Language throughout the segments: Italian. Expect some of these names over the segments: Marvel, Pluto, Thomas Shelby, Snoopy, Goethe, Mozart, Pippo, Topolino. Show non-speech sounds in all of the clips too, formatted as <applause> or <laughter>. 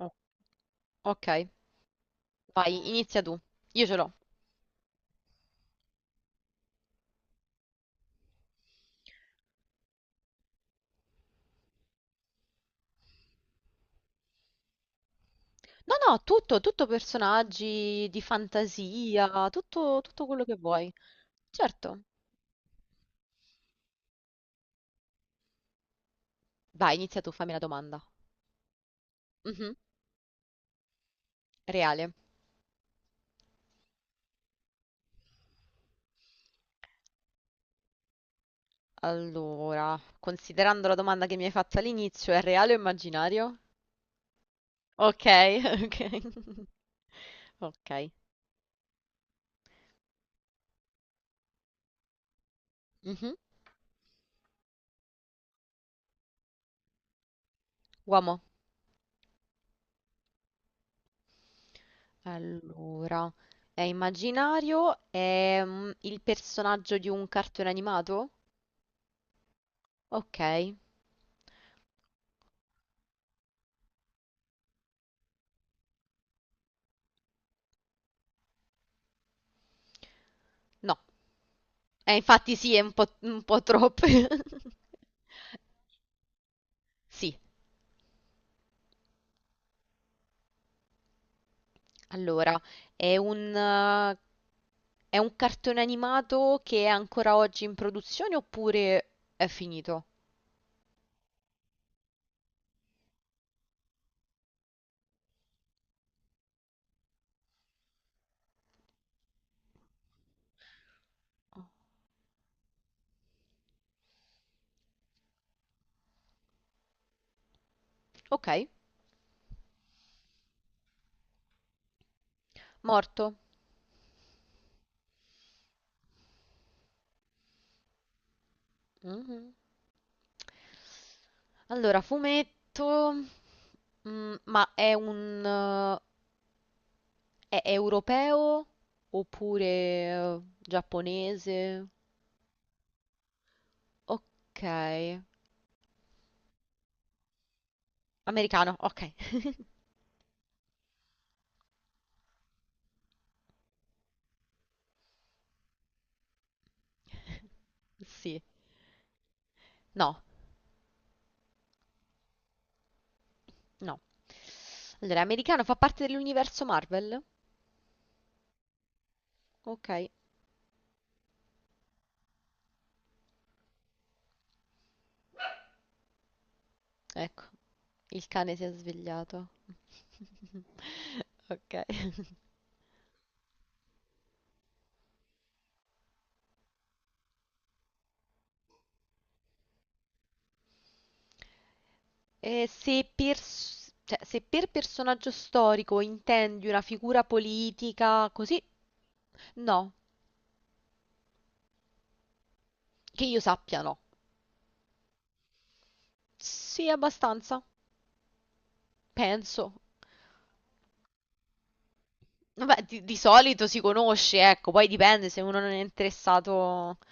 Oh, ok, vai, inizia tu. Io ce l'ho. No, no, tutto personaggi di fantasia, tutto quello che vuoi. Certo. Vai, inizia tu, fammi la domanda. Mhm. Reale. Allora, considerando la domanda che mi hai fatto all'inizio, è reale o immaginario? Ok, <laughs> ok. Ok. Mhm. Uomo. Allora, è immaginario? È il personaggio di un cartone animato? Ok. No. Infatti sì, è un po' troppo. <laughs> Sì, allora, è un, eh, è un cartone animato che è ancora oggi in produzione oppure è finito? Ok, morto. Mhm. Allora, fumetto, ma è europeo oppure giapponese? Ok, americano, ok, <laughs> sì. No, no. Allora, americano fa parte dell'universo Marvel? Ok, ecco. Il cane si è svegliato, ok. E se pers- cioè, se per personaggio storico intendi una figura politica così, no, che io sappia no. Sì, abbastanza, penso. Vabbè, di solito si conosce, ecco, poi dipende se uno non è interessato. <laughs>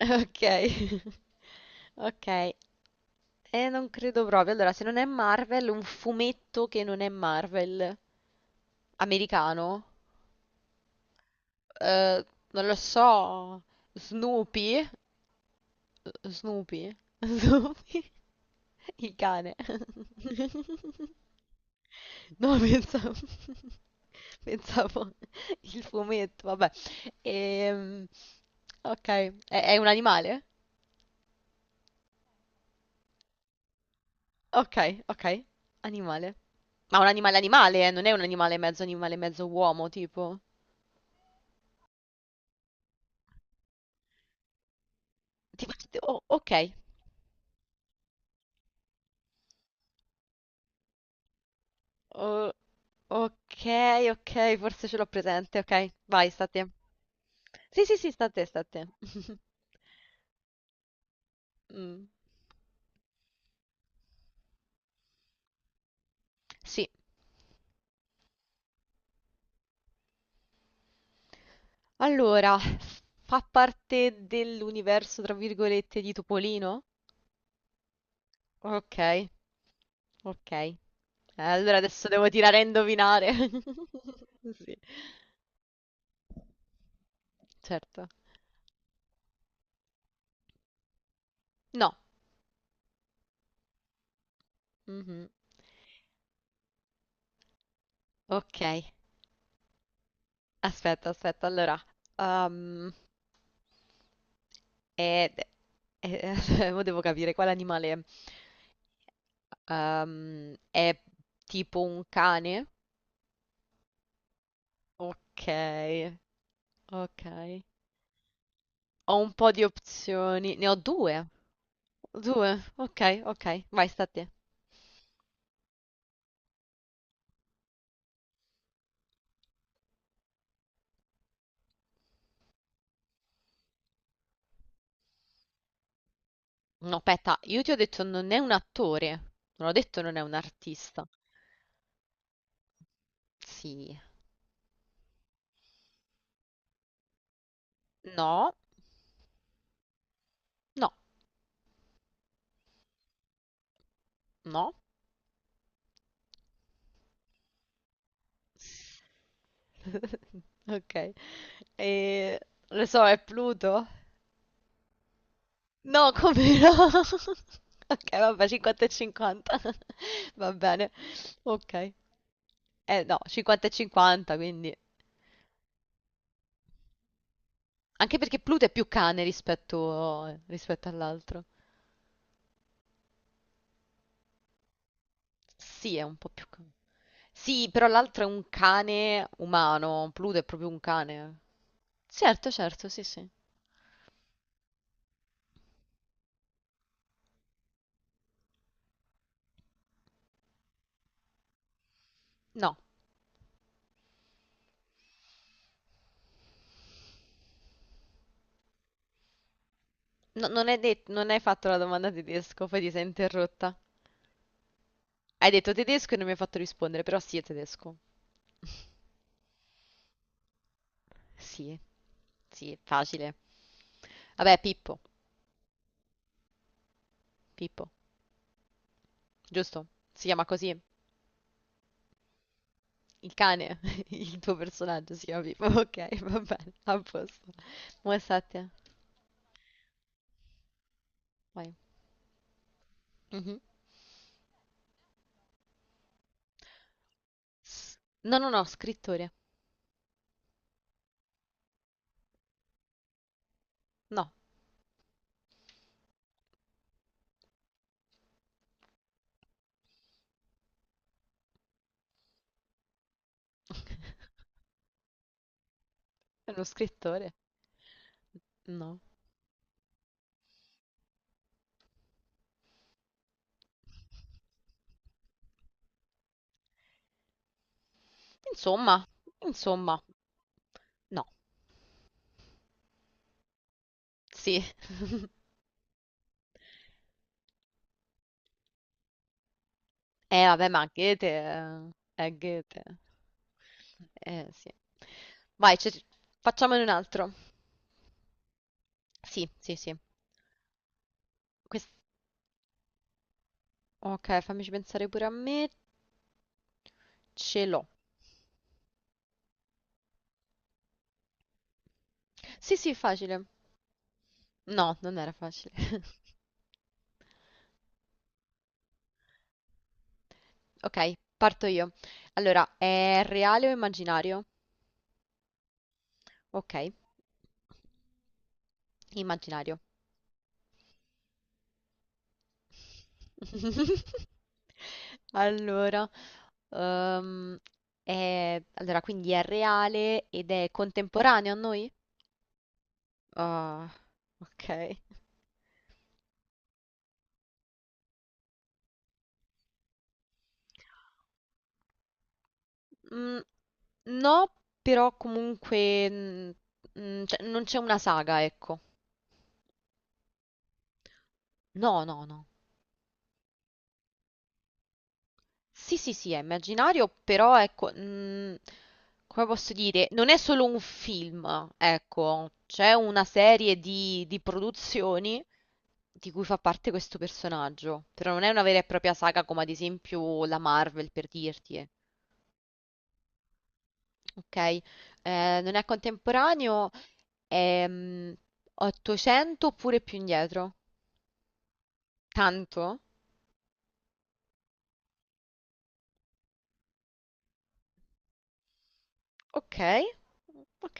Ok, <laughs> ok. E non credo proprio. Allora, se non è Marvel, un fumetto che non è Marvel, americano, Eh, non lo so, Snoopy? Snoopy? <laughs> Snoopy? Il cane? No, <laughs> pensavo il fumetto, vabbè. Ehm, ok, è un animale? Ok, ok, animale. Ma un animale animale, non è un animale, mezzo uomo, tipo. Tipo, oh, ok. Oh, ok, ok, forse ce l'ho presente, ok. Vai, sta a te. Sì, sì, sì, sta a te, sta a te. <laughs> Mm. Sì. Allora, fa parte dell'universo, tra virgolette, di Topolino? Ok, ok. Allora adesso devo tirare a indovinare. <laughs> Sì, certo. No. Mhm. Ok. Aspetta, aspetta. Allora, ehm, è- è- <laughs> mo devo capire quale animale è. È tipo un cane? Ok, ok. Ho un po' di opzioni. Ne ho due. Due. Ok, ok. Vai, sta a te. No, aspetta, io ti ho detto non è un attore, non ho detto non è un artista. Sì, no, no, no. <laughs> Ok, e lo so, è Pluto? No, come no? <laughs> Ok, vabbè, 50 e 50, va bene, ok. Eh no, 50 e 50, quindi... Anche perché Pluto è più cane rispetto all'altro. Sì, è un po' più cane. Sì, però l'altro è un cane umano, Pluto è proprio un cane. Certo, certo, sì, sì. No. Non hai fatto la domanda tedesco, poi ti sei interrotta. Hai detto tedesco e non mi hai fatto rispondere, però sì è tedesco. Sì, sì, è facile. Vabbè, Pippo, Pippo, giusto? Si chiama così. Il cane, <laughs> il tuo personaggio si chiama Pippo. <laughs> Ok, va bene, a posto. Vuoi Satya? Vai. Mhm. S- No, no, no, scrittore. No, è uno scrittore. No. Insomma, insomma, no, sì. <laughs> Vabbè, ma Goethe è Goethe. Sì. Vai, facciamone un altro. Sì, sì, sì. Quest- ok, fammici pensare pure a me. Ce l'ho. Sì, sì, facile. No, non era facile. <laughs> Ok, parto io. Allora, è reale o immaginario? Ok, immaginario. <laughs> Allora, ehm, allora, quindi è reale ed è contemporaneo a noi? Ah, ok. Mm, no, però comunque cioè, non c'è una saga, ecco. No, no, no. Sì, sì, sì, è immaginario, però ecco, come posso dire, non è solo un film, ecco, c'è una serie di produzioni di cui fa parte questo personaggio, però non è una vera e propria saga come ad esempio la Marvel, per dirti, ok? Non è contemporaneo, è 800 oppure più indietro. Tanto? Ok, ok,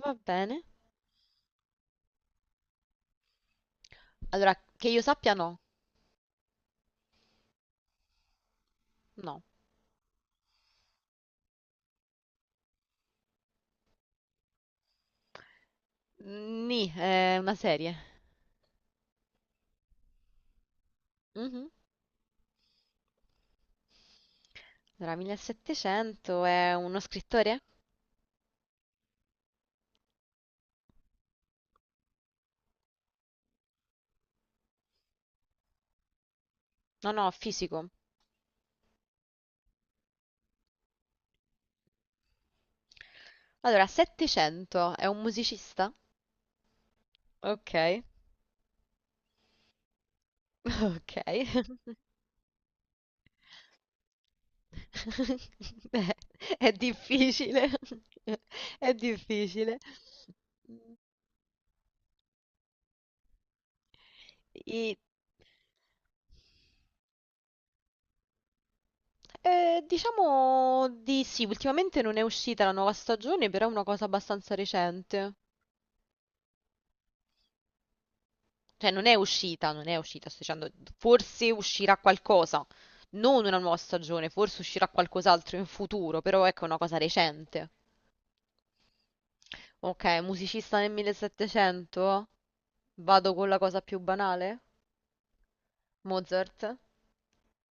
va bene. Allora, che io sappia no, no. Ni è una serie. Mhm. Allora, 1700 è uno scrittore? No, no, fisico. Allora, 700 è un musicista? Ok, <laughs> ok. <laughs> Beh, è difficile. <laughs> È difficile. I... diciamo di sì, ultimamente non è uscita la nuova stagione, però è una cosa abbastanza recente. Cioè non è uscita, non è uscita, sto dicendo, forse uscirà qualcosa, non una nuova stagione, forse uscirà qualcos'altro in futuro, però ecco è una cosa recente. Ok, musicista nel 1700? Vado con la cosa più banale? Mozart?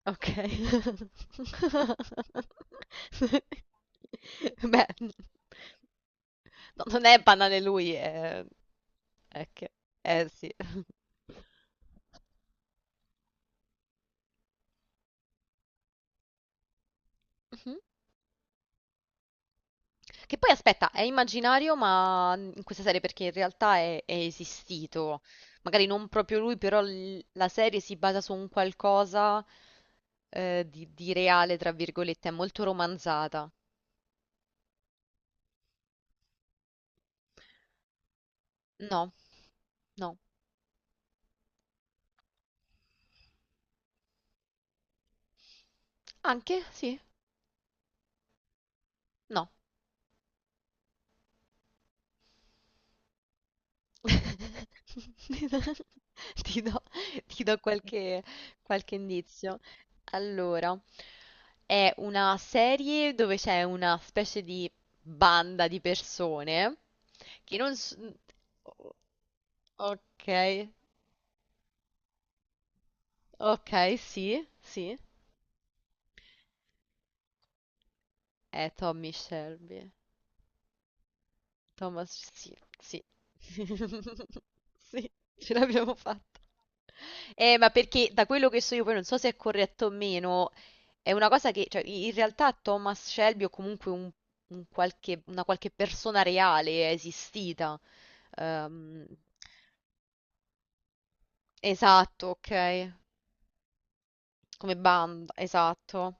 Ok. <laughs> Beh, no, non è banale lui, È che... Eh sì. <laughs> Mhm. Che poi aspetta, è immaginario, ma in questa serie perché in realtà è esistito. Magari non proprio lui, però la serie si basa su un qualcosa di reale, tra virgolette, è molto romanzata. No, no. Anche? Sì? No. <laughs> Ti do, ti do qualche indizio. Allora, è una serie dove c'è una specie di banda di persone che non... Ok, ok, sì, sì. È Tommy Shelby. Thomas, sì, sì. <laughs> Sì, ce l'abbiamo fatta. Ma perché da quello che so io, poi non so se è corretto o meno, è una cosa che, cioè, in realtà Thomas Shelby o comunque una qualche persona reale è esistita. Ehm, esatto, ok. Come banda, esatto.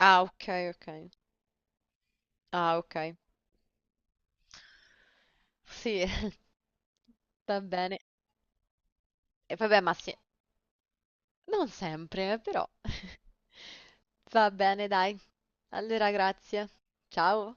Ah, ok, ok. Ah, ok. Sì, <laughs> va bene. E vabbè, ma sì, non sempre, però. <laughs> Va bene, dai. Allora, grazie. Ciao.